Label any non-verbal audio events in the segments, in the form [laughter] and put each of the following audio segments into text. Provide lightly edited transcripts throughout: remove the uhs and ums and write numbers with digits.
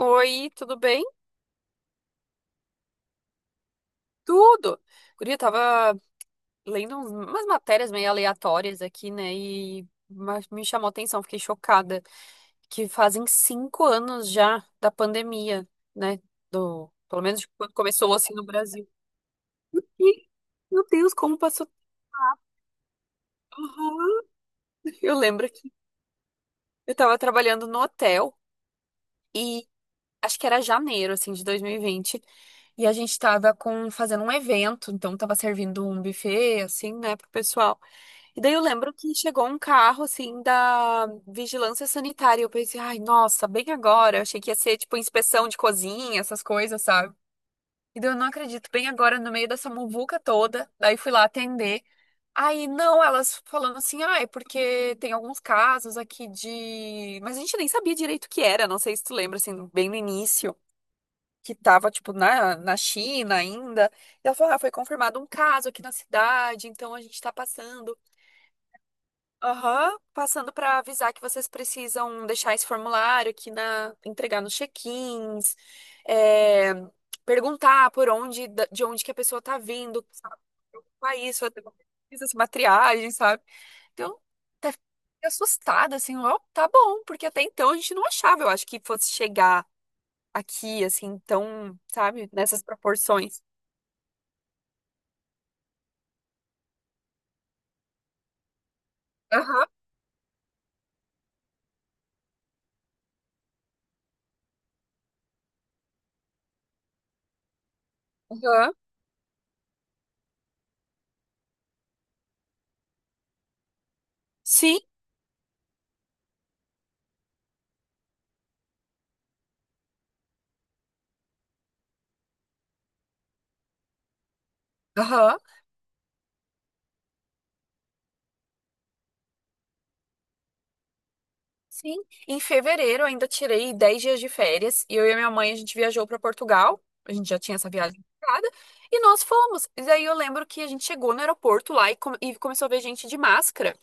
Oi, tudo bem? Tudo. Guria, eu tava lendo umas matérias meio aleatórias aqui, né? E me chamou a atenção, fiquei chocada, que fazem 5 anos já da pandemia, né? Do, pelo menos de quando começou assim no Brasil. E, meu Deus, como passou. Uhum. Eu lembro que eu tava trabalhando no hotel. Acho que era janeiro, assim, de 2020. E vinte. E a gente tava com, fazendo um evento, então tava servindo um buffet, assim, né, pro pessoal. E daí eu lembro que chegou um carro, assim, da vigilância sanitária. E eu pensei, ai, nossa, bem agora. Eu achei que ia ser, tipo, inspeção de cozinha, essas coisas, sabe? E daí eu não acredito, bem agora, no meio dessa muvuca toda. Daí fui lá atender. Aí, não, elas falando assim, ah, é porque tem alguns casos aqui de. Mas a gente nem sabia direito o que era, não sei se tu lembra, assim, bem no início que estava, tipo, na China ainda. E ela falou, ah, foi confirmado um caso aqui na cidade, então a gente está passando. Aham, passando para avisar que vocês precisam deixar esse formulário aqui na, entregar nos check-ins, é, perguntar por onde, de onde que a pessoa tá vindo, sabe, o país, fazer uma pesquisa, assim, uma triagem, sabe? Então, até fiquei assustada, assim, ó, tá bom, porque até então a gente não achava, eu acho que fosse chegar aqui, assim, tão, sabe, nessas proporções. Aham, aham. Sim, aham. Sim. Em fevereiro eu ainda tirei 10 dias de férias e eu e a minha mãe a gente viajou para Portugal. A gente já tinha essa viagem marcada e nós fomos. E daí eu lembro que a gente chegou no aeroporto lá e, e começou a ver gente de máscara.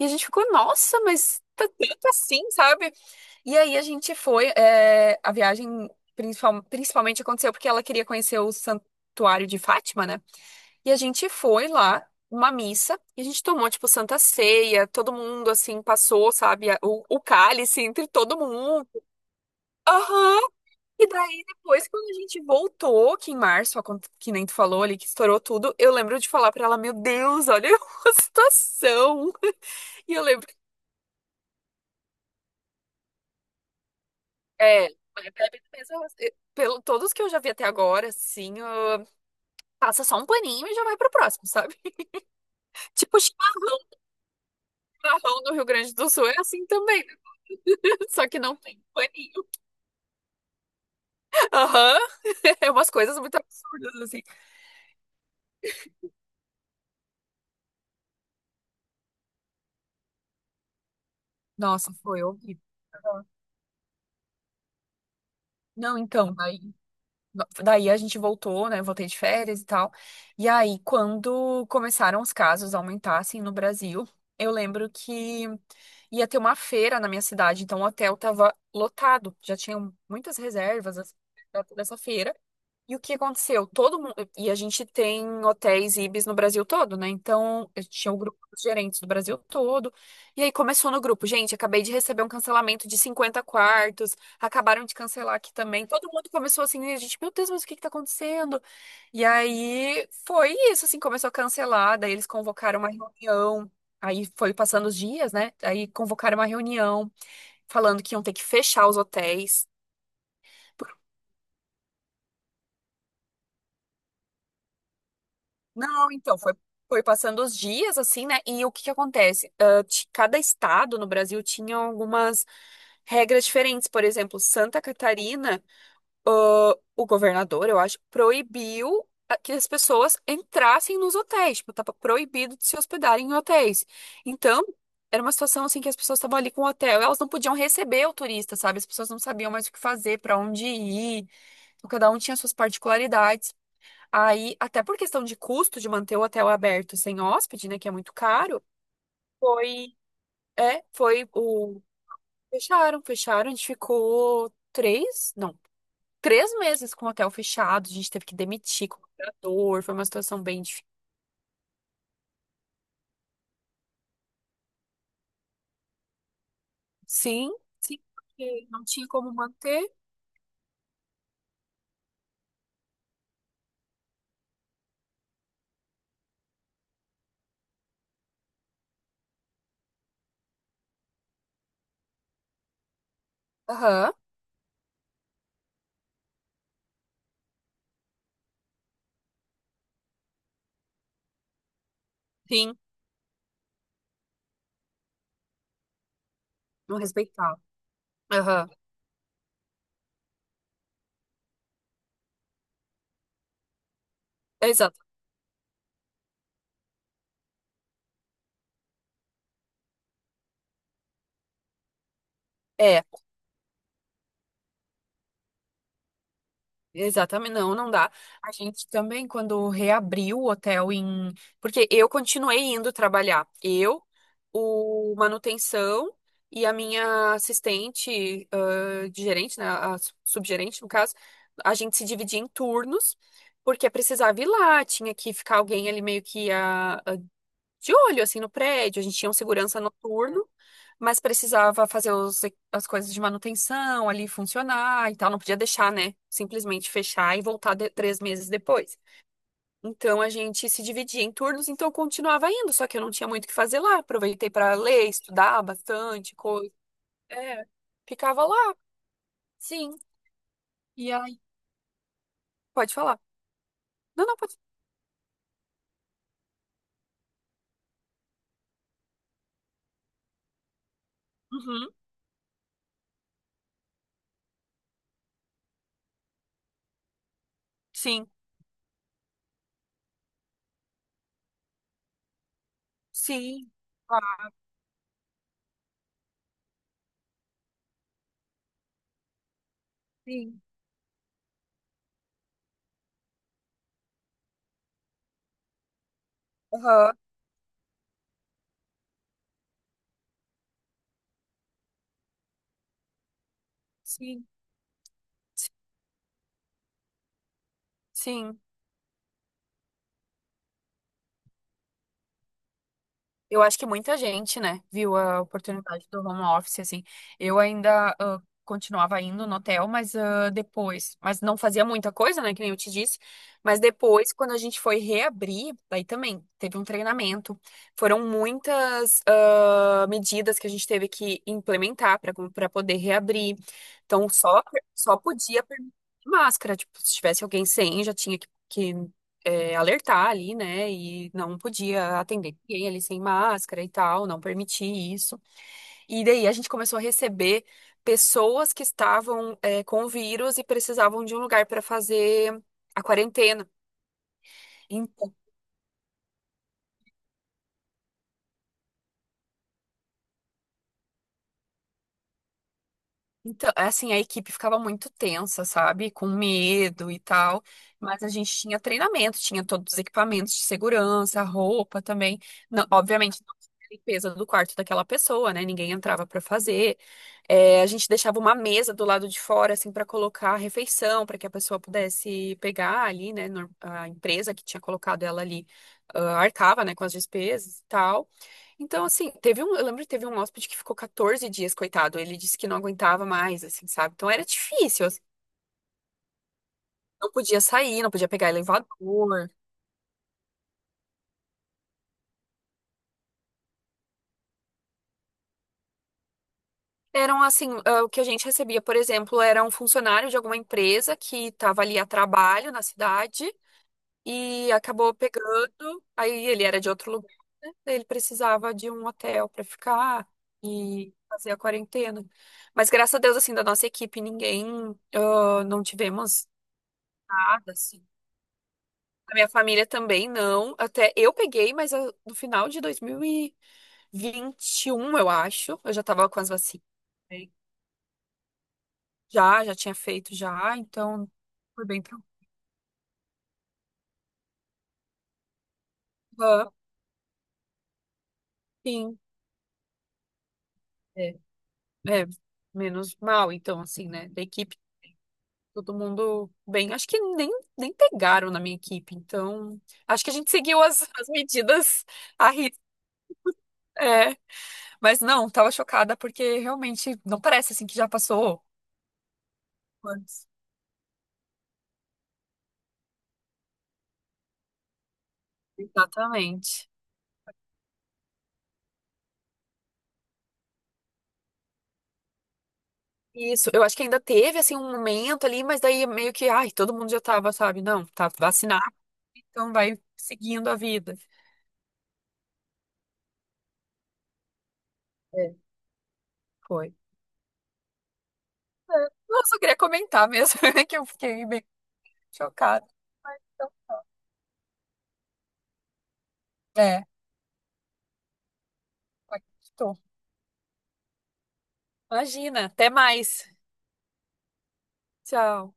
E a gente ficou, nossa, mas tá tanto assim, sabe? E aí a gente foi, é, a viagem principalmente aconteceu porque ela queria conhecer o Santuário de Fátima, né? E a gente foi lá, uma missa, e a gente tomou, tipo, Santa Ceia, todo mundo, assim, passou, sabe, o cálice entre todo mundo. Aham! E daí, depois, quando a gente voltou, que em março, que nem tu falou ali, que estourou tudo, eu lembro de falar pra ela, meu Deus, olha [laughs] a situação. E eu lembro, é, a Pepe pensa, pelo todos que eu já vi até agora, assim, ah, passa só um paninho e já vai pro próximo, sabe? [laughs] Tipo, chimarrão, chimarrão no Rio Grande do Sul é assim também. [laughs] Só que não tem paninho. Aham. [laughs] É umas coisas muito absurdas, assim. Nossa, foi horrível. Aham. Não, então, daí a gente voltou, né? Voltei de férias e tal. E aí, quando começaram os casos a aumentar, assim, no Brasil, eu lembro que ia ter uma feira na minha cidade, então o hotel tava lotado. Já tinham muitas reservas, assim, pra toda essa feira. E o que aconteceu? Todo mundo. E a gente tem hotéis Ibis no Brasil todo, né? Então, eu tinha o grupo dos gerentes do Brasil todo. E aí começou no grupo. Gente, acabei de receber um cancelamento de 50 quartos. Acabaram de cancelar aqui também. Todo mundo começou assim, e a gente, meu Deus, mas o que que tá acontecendo? E aí foi isso, assim, começou a cancelar. Daí eles convocaram uma reunião. Aí foi passando os dias, né? Aí convocaram uma reunião falando que iam ter que fechar os hotéis. Não, então, foi, foi passando os dias, assim, né? E o que que acontece? Ah, cada estado no Brasil tinha algumas regras diferentes. Por exemplo, Santa Catarina, ah, o governador, eu acho, proibiu que as pessoas entrassem nos hotéis. Tipo, tava proibido de se hospedarem em hotéis. Então, era uma situação, assim, que as pessoas estavam ali com o hotel. Elas não podiam receber o turista, sabe? As pessoas não sabiam mais o que fazer, para onde ir. Então, cada um tinha suas particularidades. Aí, até por questão de custo de manter o hotel aberto sem hóspede, né, que é muito caro, foi, é, foi o fecharam, a gente ficou três, não, três meses com o hotel fechado, a gente teve que demitir colaborador, foi uma situação bem difícil. Sim, sim, porque não tinha como manter. Aham, sim, não respeitava. Aham, exato. É, exatamente, não, não dá. A gente também, quando reabriu o hotel em. Porque eu continuei indo trabalhar. Eu, o manutenção e a minha assistente, de gerente, né? Subgerente, no caso, a gente se dividia em turnos, porque precisava ir lá, tinha que ficar alguém ali meio que de olho, assim, no prédio. A gente tinha um segurança noturno. Mas precisava fazer os as coisas de manutenção ali funcionar e tal, não podia deixar, né? Simplesmente fechar e voltar 3 meses depois. Então a gente se dividia em turnos, então eu continuava indo, só que eu não tinha muito o que fazer lá. Aproveitei para ler, estudar bastante coisa. É, ficava lá, sim. E aí, pode falar. Não, não, pode. Uhum, sim, sim, ah, sim, aham, sim, sim. Eu acho que muita gente, né, viu a oportunidade do home office, assim. Eu ainda continuava indo no hotel, mas depois, mas não fazia muita coisa, né, que nem eu te disse. Mas depois, quando a gente foi reabrir, daí também teve um treinamento. Foram muitas medidas que a gente teve que implementar para poder reabrir. Então, só podia permitir máscara, tipo, se tivesse alguém sem, já tinha que é, alertar ali, né? E não podia atender ninguém ali sem máscara e tal, não permitir isso. E daí a gente começou a receber pessoas que estavam, é, com o vírus e precisavam de um lugar para fazer a quarentena. Então, Então, é assim, a equipe ficava muito tensa, sabe? Com medo e tal. Mas a gente tinha treinamento, tinha todos os equipamentos de segurança, roupa também. Não, obviamente, não tinha limpeza do quarto daquela pessoa, né? Ninguém entrava pra fazer. É, a gente deixava uma mesa do lado de fora, assim, pra colocar a refeição, pra que a pessoa pudesse pegar ali, né? A empresa que tinha colocado ela ali, ah, arcava, né, com as despesas e tal. Então, assim, teve um, eu lembro que teve um hóspede que ficou 14 dias, coitado. Ele disse que não aguentava mais, assim, sabe? Então era difícil, assim, não podia sair, não podia pegar elevador. Eram assim, ah, o que a gente recebia, por exemplo, era um funcionário de alguma empresa que estava ali a trabalho na cidade e acabou pegando, aí ele era de outro lugar, né? Ele precisava de um hotel para ficar e fazer a quarentena. Mas graças a Deus, assim, da nossa equipe, ninguém, ah, não tivemos nada, assim. A minha família também não. Até eu peguei, mas no final de 2021, eu acho, eu já tava com as vacinas. Né? Já tinha feito já, então foi bem tranquilo. Ah, sim, é, é, menos mal, então, assim, né? Da equipe, todo mundo bem. Acho que nem pegaram na minha equipe, então. Acho que a gente seguiu as medidas a risca. É, mas não, tava chocada porque realmente não parece assim que já passou. Anos. Exatamente. Isso, eu acho que ainda teve assim um momento ali, mas daí meio que, ai, todo mundo já tava, sabe? Não, tá vacinado, então vai seguindo a vida. É. Foi. É. Nossa, eu só queria comentar mesmo, [laughs] que eu fiquei bem chocada. Então, é, aqui estou. Imagina, até mais. Tchau.